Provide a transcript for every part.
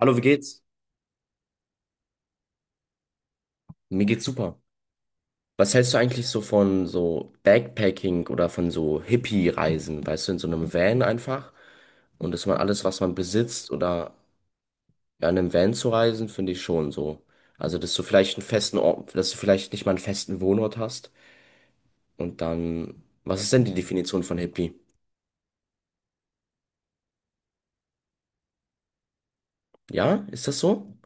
Hallo, wie geht's? Mir geht's super. Was hältst du eigentlich so von so Backpacking oder von so Hippie-Reisen? Weißt du, in so einem Van einfach und dass man alles, was man besitzt oder ja, in einem Van zu reisen, finde ich schon so. Also, dass du vielleicht einen festen Ort, dass du vielleicht nicht mal einen festen Wohnort hast und dann, was ist denn die Definition von Hippie? Ja, ist das so?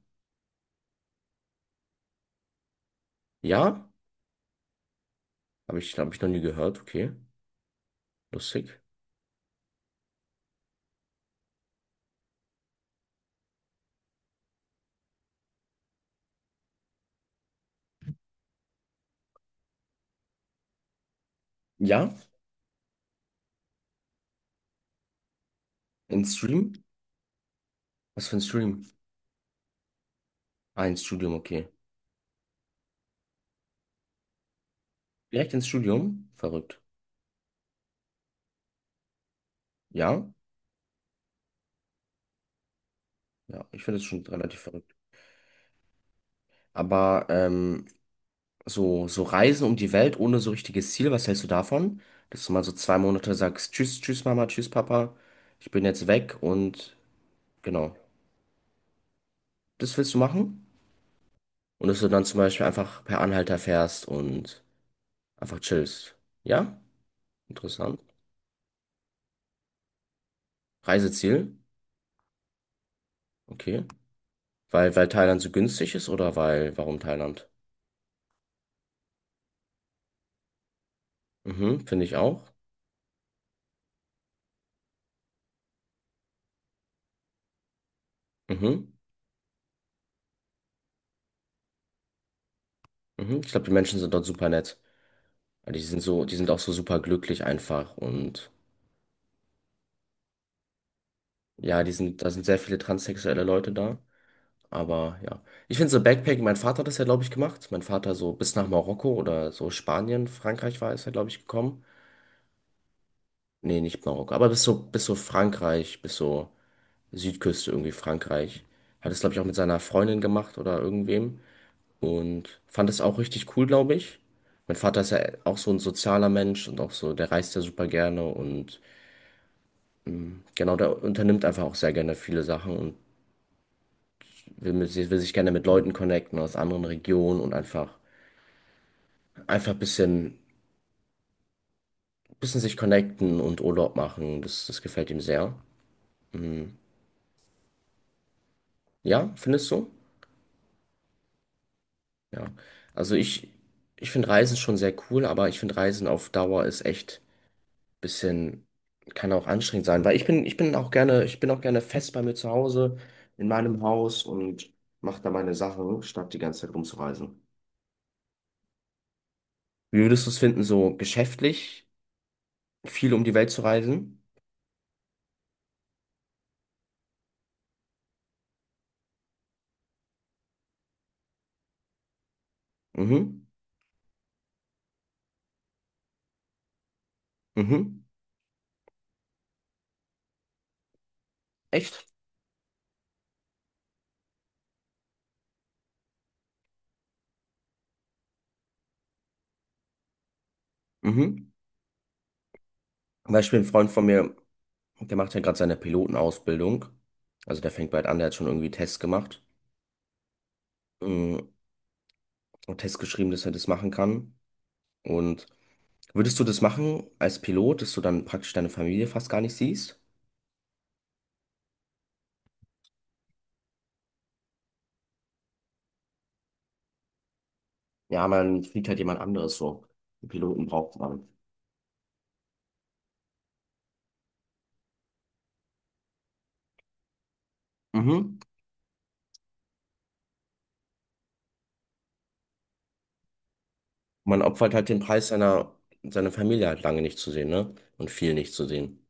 Ja? Habe ich noch nie gehört. Okay, lustig. Ja? In Stream? Was für ein Stream? Ah, ins Studium, okay. Direkt ins Studium? Verrückt. Ja, ja, ich finde das schon relativ verrückt. Aber so Reisen um die Welt ohne so richtiges Ziel, was hältst du davon? Dass du mal so 2 Monate sagst: Tschüss, tschüss Mama, tschüss Papa, ich bin jetzt weg. Und genau, das willst du machen? Und dass du dann zum Beispiel einfach per Anhalter fährst und einfach chillst. Ja, interessant. Reiseziel, okay. Weil Thailand so günstig ist oder weil, warum Thailand? Mhm, finde ich auch. Mhm, mhm. Ich glaube, die Menschen sind dort super nett. Ja, die sind so, die sind auch so super glücklich einfach. Und ja, da sind sehr viele transsexuelle Leute da. Aber ja, ich finde so Backpacking, mein Vater hat das ja, glaube ich, gemacht. Mein Vater so bis nach Marokko oder so Spanien, Frankreich war ist er, glaube ich, gekommen. Nee, nicht Marokko, aber bis so Frankreich, bis so Südküste irgendwie Frankreich. Hat es, glaube ich, auch mit seiner Freundin gemacht oder irgendwem, und fand es auch richtig cool, glaube ich. Mein Vater ist ja auch so ein sozialer Mensch und auch so, der reist ja super gerne. Und genau, der unternimmt einfach auch sehr gerne viele Sachen und will sich gerne mit Leuten connecten aus anderen Regionen und einfach ein bisschen sich connecten und Urlaub machen. Das gefällt ihm sehr. Hm. Ja, findest du? Ja. Also ich finde Reisen schon sehr cool, aber ich finde Reisen auf Dauer ist echt ein bisschen, kann auch anstrengend sein, weil ich bin auch gerne fest bei mir zu Hause, in meinem Haus, und mache da meine Sachen, statt die ganze Zeit rumzureisen. Wie würdest du es finden, so geschäftlich? Viel um die Welt zu reisen. Mhm. Mhm. Echt? Mhm. Zum Beispiel ein Freund von mir, der macht ja gerade seine Pilotenausbildung. Also der fängt bald an, der hat schon irgendwie Tests gemacht. Mhm. Und Tests geschrieben, dass er das machen kann. Und würdest du das machen als Pilot, dass du dann praktisch deine Familie fast gar nicht siehst? Ja, man fliegt halt jemand anderes so. Die Piloten braucht man. Mhm. Man opfert halt den Preis seiner Familie halt lange nicht zu sehen, ne? Und viel nicht zu sehen.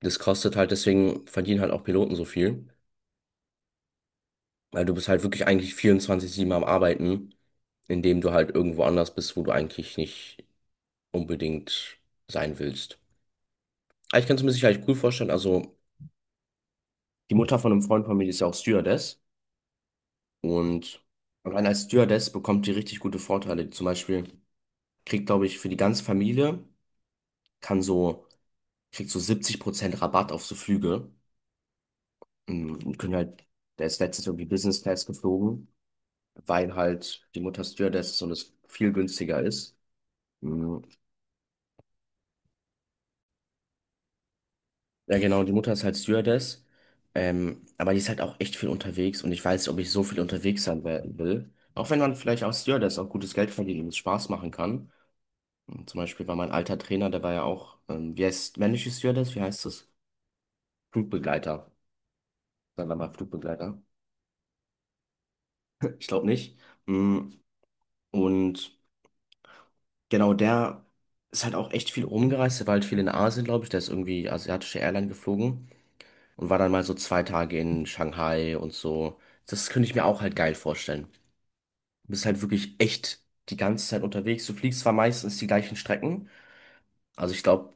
Das kostet halt, deswegen verdienen halt auch Piloten so viel. Weil du bist halt wirklich eigentlich 24-7 am Arbeiten, indem du halt irgendwo anders bist, wo du eigentlich nicht unbedingt sein willst. Aber ich kann es mir sicherlich cool vorstellen. Also, die Mutter von einem Freund von mir, die ist ja auch Stewardess. Und allein als Stewardess bekommt die richtig gute Vorteile. Zum Beispiel kriegt, glaube ich, für die ganze Familie, kann so, kriegt so 70% Rabatt auf so Flüge. Und können halt, der ist letztens irgendwie Business Class geflogen, weil halt die Mutter Stewardess ist und es viel günstiger ist. Mhm. Ja, genau, die Mutter ist halt Stewardess, aber die ist halt auch echt viel unterwegs, und ich weiß nicht, ob ich so viel unterwegs sein werden will. Auch wenn man vielleicht als Stewardess auch gutes Geld verdient und es Spaß machen kann. Und zum Beispiel war mein alter Trainer, der war ja auch, wie heißt männliche Stewardess? Wie heißt das? Flugbegleiter. Sagen wir mal Flugbegleiter. Ich glaube nicht. Mhm. Und genau, der ist halt auch echt viel rumgereist. Der war halt viel in Asien, glaube ich. Der ist irgendwie asiatische Airline geflogen und war dann mal so 2 Tage in Shanghai und so. Das könnte ich mir auch halt geil vorstellen. Du bist halt wirklich echt die ganze Zeit unterwegs. Du fliegst zwar meistens die gleichen Strecken, also ich glaube,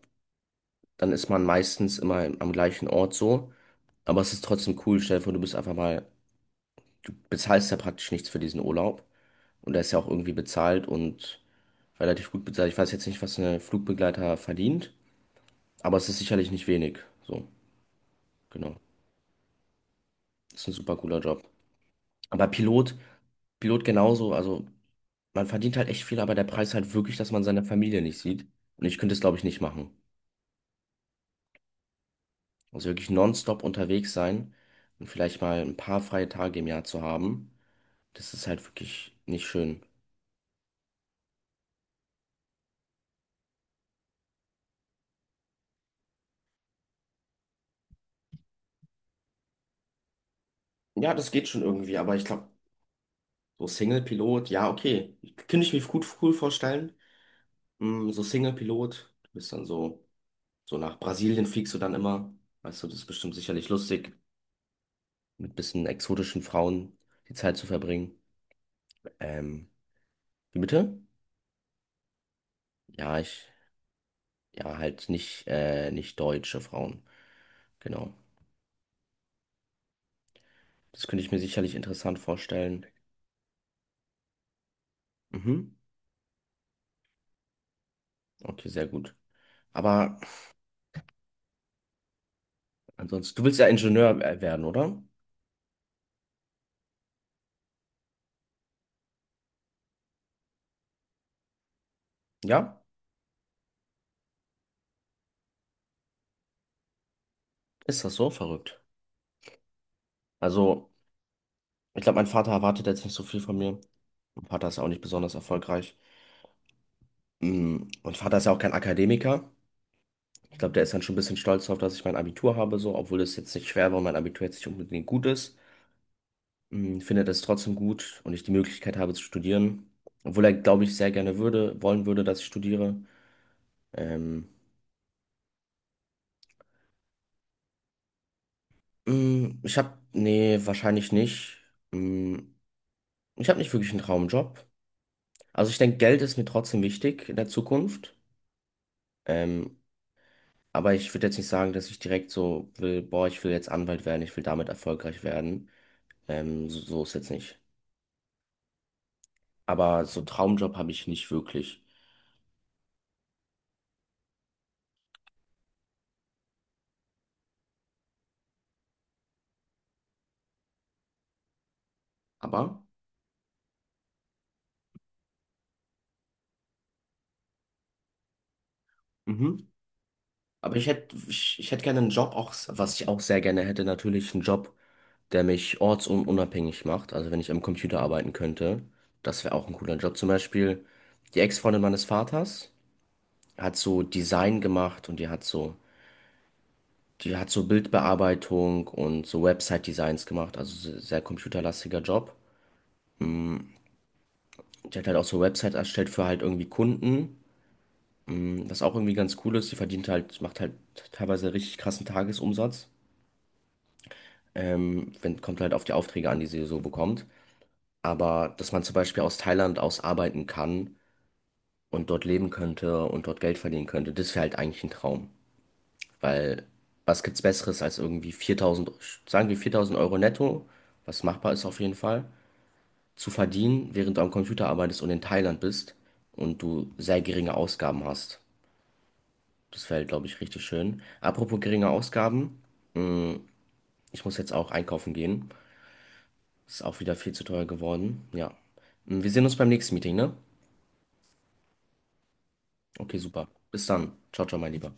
dann ist man meistens immer am gleichen Ort so, aber es ist trotzdem cool. Stell dir vor, du bist einfach mal, du bezahlst ja praktisch nichts für diesen Urlaub, und der ist ja auch irgendwie bezahlt und relativ gut bezahlt. Ich weiß jetzt nicht, was ein Flugbegleiter verdient, aber es ist sicherlich nicht wenig. So, genau. Ist ein super cooler Job. Aber Pilot, Pilot genauso, also man verdient halt echt viel, aber der Preis halt wirklich, dass man seine Familie nicht sieht. Und ich könnte es, glaube ich, nicht machen. Also wirklich nonstop unterwegs sein und vielleicht mal ein paar freie Tage im Jahr zu haben, das ist halt wirklich nicht schön. Ja, das geht schon irgendwie, aber ich glaube, so Single-Pilot, ja, okay. Könnte ich mir gut cool vorstellen. So Single-Pilot, du bist dann so, nach Brasilien fliegst du dann immer. Weißt du, das ist bestimmt sicherlich lustig, mit bisschen exotischen Frauen die Zeit zu verbringen. Ähm, Wie bitte? Ja, ich. Ja, halt nicht, nicht deutsche Frauen. Genau. Das könnte ich mir sicherlich interessant vorstellen. Mhm. Okay, sehr gut. Aber ansonsten, du willst ja Ingenieur werden, oder? Ja? Ist das so verrückt? Also, ich glaube, mein Vater erwartet jetzt nicht so viel von mir. Mein Vater ist ja auch nicht besonders erfolgreich. Mein Vater ist ja auch kein Akademiker. Ich glaube, der ist dann schon ein bisschen stolz darauf, dass ich mein Abitur habe, so, obwohl es jetzt nicht schwer war und mein Abitur jetzt nicht unbedingt gut ist. Findet es trotzdem gut, und ich die Möglichkeit habe zu studieren. Obwohl er, glaube ich, sehr gerne würde, wollen würde, dass ich studiere. Ähm, Ich habe, nee, wahrscheinlich nicht. Mh, Ich habe nicht wirklich einen Traumjob. Also ich denke, Geld ist mir trotzdem wichtig in der Zukunft. Ähm, aber ich würde jetzt nicht sagen, dass ich direkt so will, boah, ich will jetzt Anwalt werden, ich will damit erfolgreich werden. So ist jetzt nicht. Aber so einen Traumjob habe ich nicht wirklich. Aber. Mhm. Aber ich hätte gerne einen Job, auch, was ich auch sehr gerne hätte, natürlich einen Job, der mich ortsunabhängig macht. Also wenn ich am Computer arbeiten könnte, das wäre auch ein cooler Job. Zum Beispiel die Ex-Freundin meines Vaters hat so Design gemacht, und die hat so Bildbearbeitung und so Website-Designs gemacht, also sehr computerlastiger Job. Die hat halt auch so Websites erstellt für halt irgendwie Kunden, was auch irgendwie ganz cool ist. Die verdient halt, macht halt teilweise richtig krassen Tagesumsatz. Wenn, Kommt halt auf die Aufträge an, die sie so bekommt. Aber dass man zum Beispiel aus Thailand aus arbeiten kann und dort leben könnte und dort Geld verdienen könnte, das wäre halt eigentlich ein Traum. Weil was gibt's Besseres als irgendwie 4.000, sagen wir 4.000 Euro netto, was machbar ist auf jeden Fall, zu verdienen, während du am Computer arbeitest und in Thailand bist und du sehr geringe Ausgaben hast. Das wäre, glaube ich, richtig schön. Apropos geringe Ausgaben, ich muss jetzt auch einkaufen gehen. Ist auch wieder viel zu teuer geworden. Ja. Wir sehen uns beim nächsten Meeting, ne? Okay, super. Bis dann. Ciao, ciao, mein Lieber.